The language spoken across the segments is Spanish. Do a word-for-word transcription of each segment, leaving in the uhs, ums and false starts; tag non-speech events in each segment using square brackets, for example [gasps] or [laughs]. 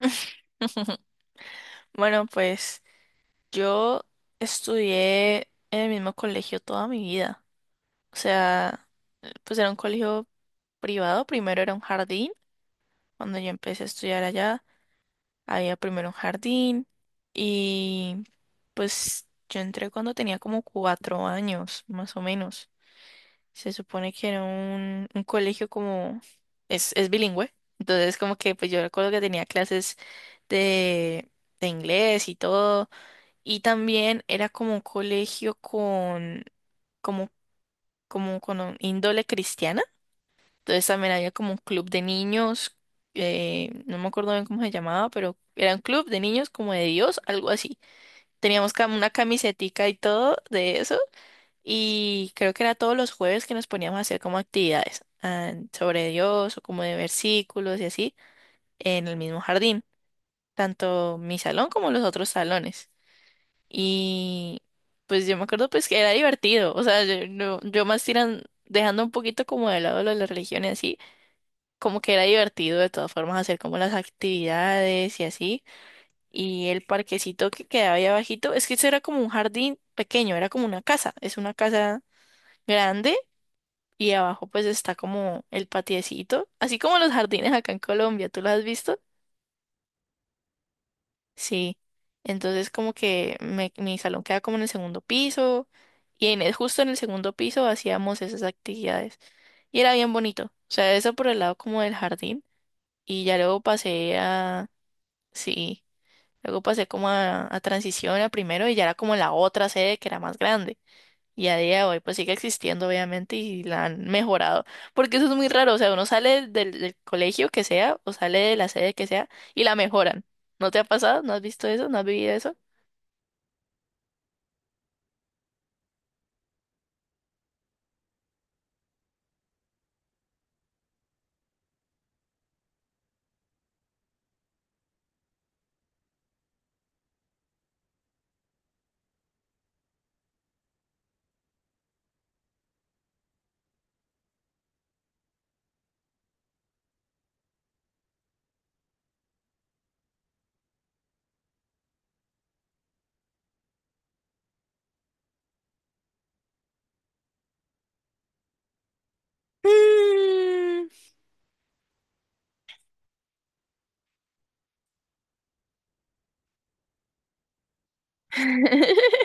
[laughs] Bueno, pues yo estudié en el mismo colegio toda mi vida. O sea, pues era un colegio privado, primero era un jardín. Cuando yo empecé a estudiar allá, había primero un jardín y pues yo entré cuando tenía como cuatro años, más o menos. Se supone que era un, un colegio como es, es bilingüe. Entonces como que pues yo recuerdo que tenía clases de, de inglés y todo. Y también era como un colegio con como, como con un índole cristiana. Entonces también había como un club de niños, eh, no me acuerdo bien cómo se llamaba, pero era un club de niños como de Dios, algo así. Teníamos cam- una camisetica y todo de eso. Y creo que era todos los jueves que nos poníamos a hacer como actividades ah, sobre Dios o como de versículos y así en el mismo jardín, tanto mi salón como los otros salones. Y pues yo me acuerdo pues que era divertido, o sea, yo, no- yo más tiran, dejando un poquito como de lado lo de la religión y así, como que era divertido de todas formas hacer como las actividades y así. Y el parquecito que quedaba ahí abajito, es que eso era como un jardín pequeño, era como una casa, es una casa grande y abajo pues está como el patiecito, así como los jardines acá en Colombia, ¿tú los has visto? Sí. Entonces como que me- mi salón queda como en el segundo piso y en el, justo en el segundo piso hacíamos esas actividades y era bien bonito. O sea, eso por el lado como del jardín y ya luego pasé a, sí, luego pasé como a, a transición a primero y ya era como la otra sede que era más grande. Y a día de hoy pues sigue existiendo obviamente y la han mejorado. Porque eso es muy raro, o sea, uno sale del, del colegio que sea o sale de la sede que sea y la mejoran. ¿No te ha pasado? ¿No has visto eso? ¿No has vivido eso? Mm. [laughs]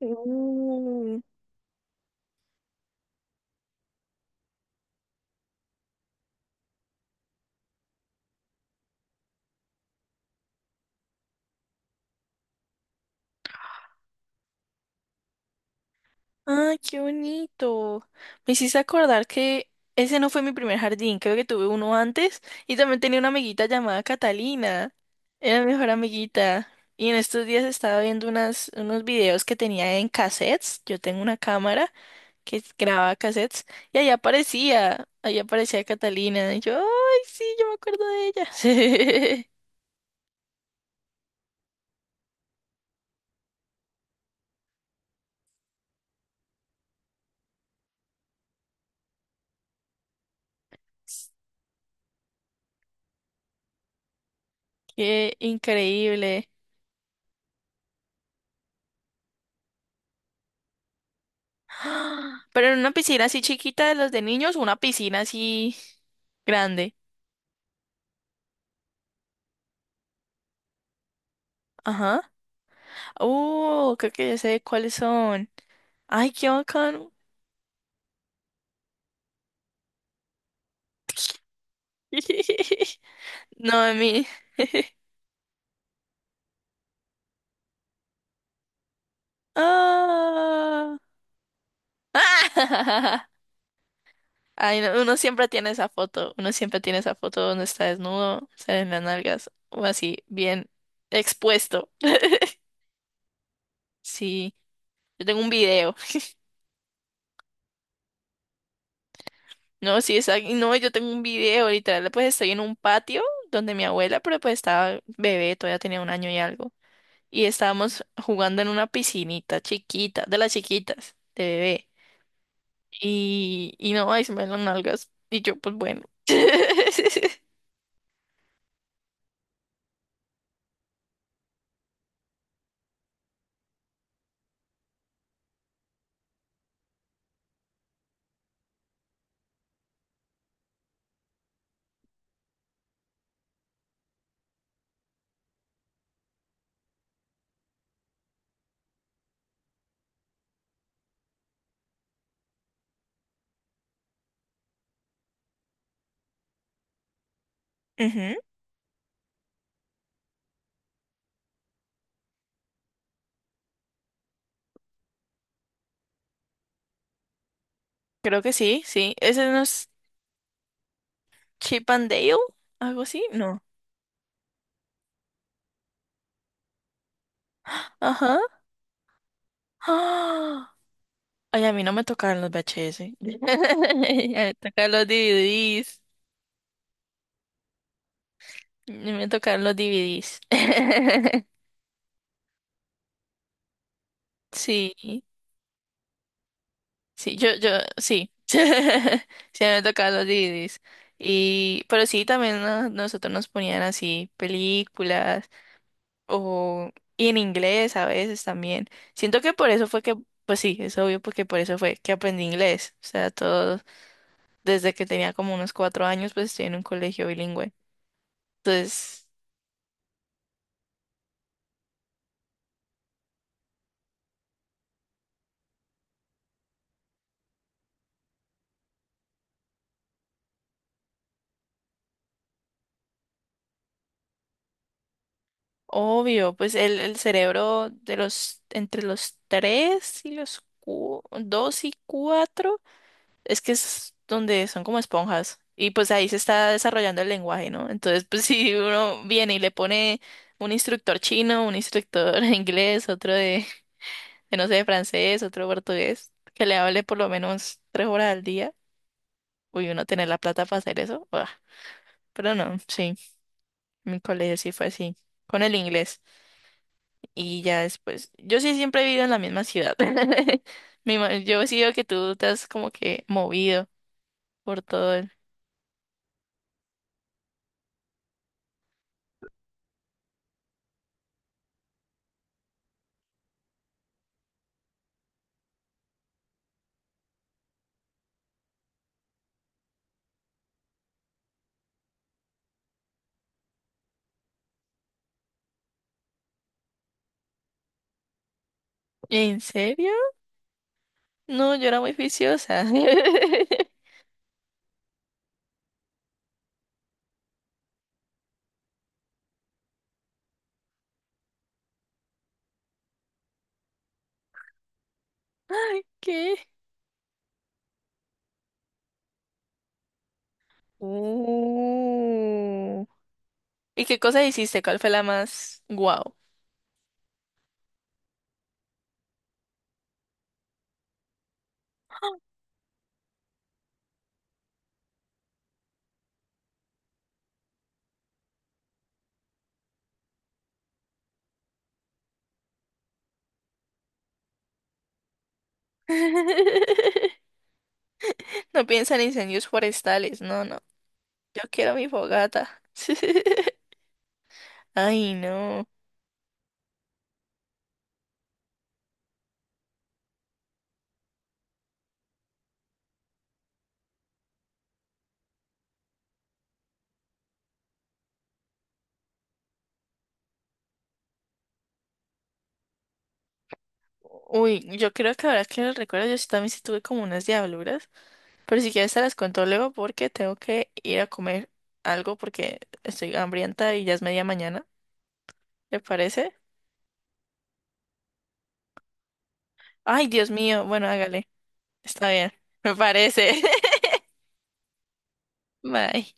Mm. Ah, qué bonito. Me hiciste acordar que ese no fue mi primer jardín, creo que tuve uno antes y también tenía una amiguita llamada Catalina. Era mi mejor amiguita. Y en estos días estaba viendo unas, unos videos que tenía en cassettes. Yo tengo una cámara que graba cassettes y allá aparecía, allá aparecía Catalina. Y yo, ay, sí, yo me acuerdo de ella. [laughs] Qué increíble. ¡Ah! Pero en una piscina así chiquita de los de niños, o una piscina así grande. Ajá. Uh, creo que ya sé cuáles son. Ay, qué bacano. [laughs] No, a mí. Ah. [laughs] Ay, no, uno siempre tiene esa foto. Uno siempre tiene esa foto donde está desnudo, salen las nalgas, o así, bien expuesto. [laughs] Sí, yo tengo un video. No, sí, exacto. No, yo tengo un video, literal, pues estoy en un patio donde mi abuela, pero pues estaba bebé, todavía tenía un año y algo. Y estábamos jugando en una piscinita chiquita, de las chiquitas, de bebé. Y, y no, ahí se me ven las nalgas. Y yo, pues bueno. [laughs] Ujú, creo que sí, sí. ¿Ese no es Chip and Dale? ¿Algo así? No. Ajá. [gasps] ¡Ah! Ay, a mí no me tocaron los V H S. [laughs] A mí me tocaron los D V Ds. Me tocaron los D V Ds. [laughs] Sí, sí, yo, yo, sí. [laughs] Sí, me tocaron los D V Ds. Y, pero sí, también no- nosotros nos ponían así películas o, y en inglés a veces también. Siento que por eso fue que, pues sí, es obvio porque por eso fue que aprendí inglés. O sea, todo, desde que tenía como unos cuatro años, pues estoy en un colegio bilingüe. Entonces... Obvio, pues el, el cerebro de los, entre los tres y los cu- dos y cuatro, es que es donde son como esponjas. Y pues ahí se está desarrollando el lenguaje, ¿no? Entonces, pues [laughs] si uno viene y le pone un instructor chino, un instructor [laughs] de inglés, otro de, de no sé, de francés, otro de portugués, que le hable por lo menos tres horas al día, uy, uno tener la plata para hacer eso, ¡buah! Pero no, sí, mi colegio sí fue así, con el inglés. Y ya después, yo sí siempre he vivido en la misma ciudad. [laughs] Mi ma- Yo sí veo que tú te has como que movido por todo el... ¿En serio? No, yo era muy juiciosa. [laughs] Ay, ¿qué? Uh. ¿Y qué cosas hiciste? ¿Cuál fue la más guau? [laughs] No piensa en incendios forestales, no, no. Yo quiero mi fogata. [laughs] Ay, no. Uy, yo creo que ahora que lo recuerdo, yo sí también sí tuve como unas diabluras. Pero si quieres te las cuento luego porque tengo que ir a comer algo porque estoy hambrienta y ya es media mañana. ¿Le parece? Ay, Dios mío. Bueno, hágale. Está bien. Me parece. [laughs] Bye.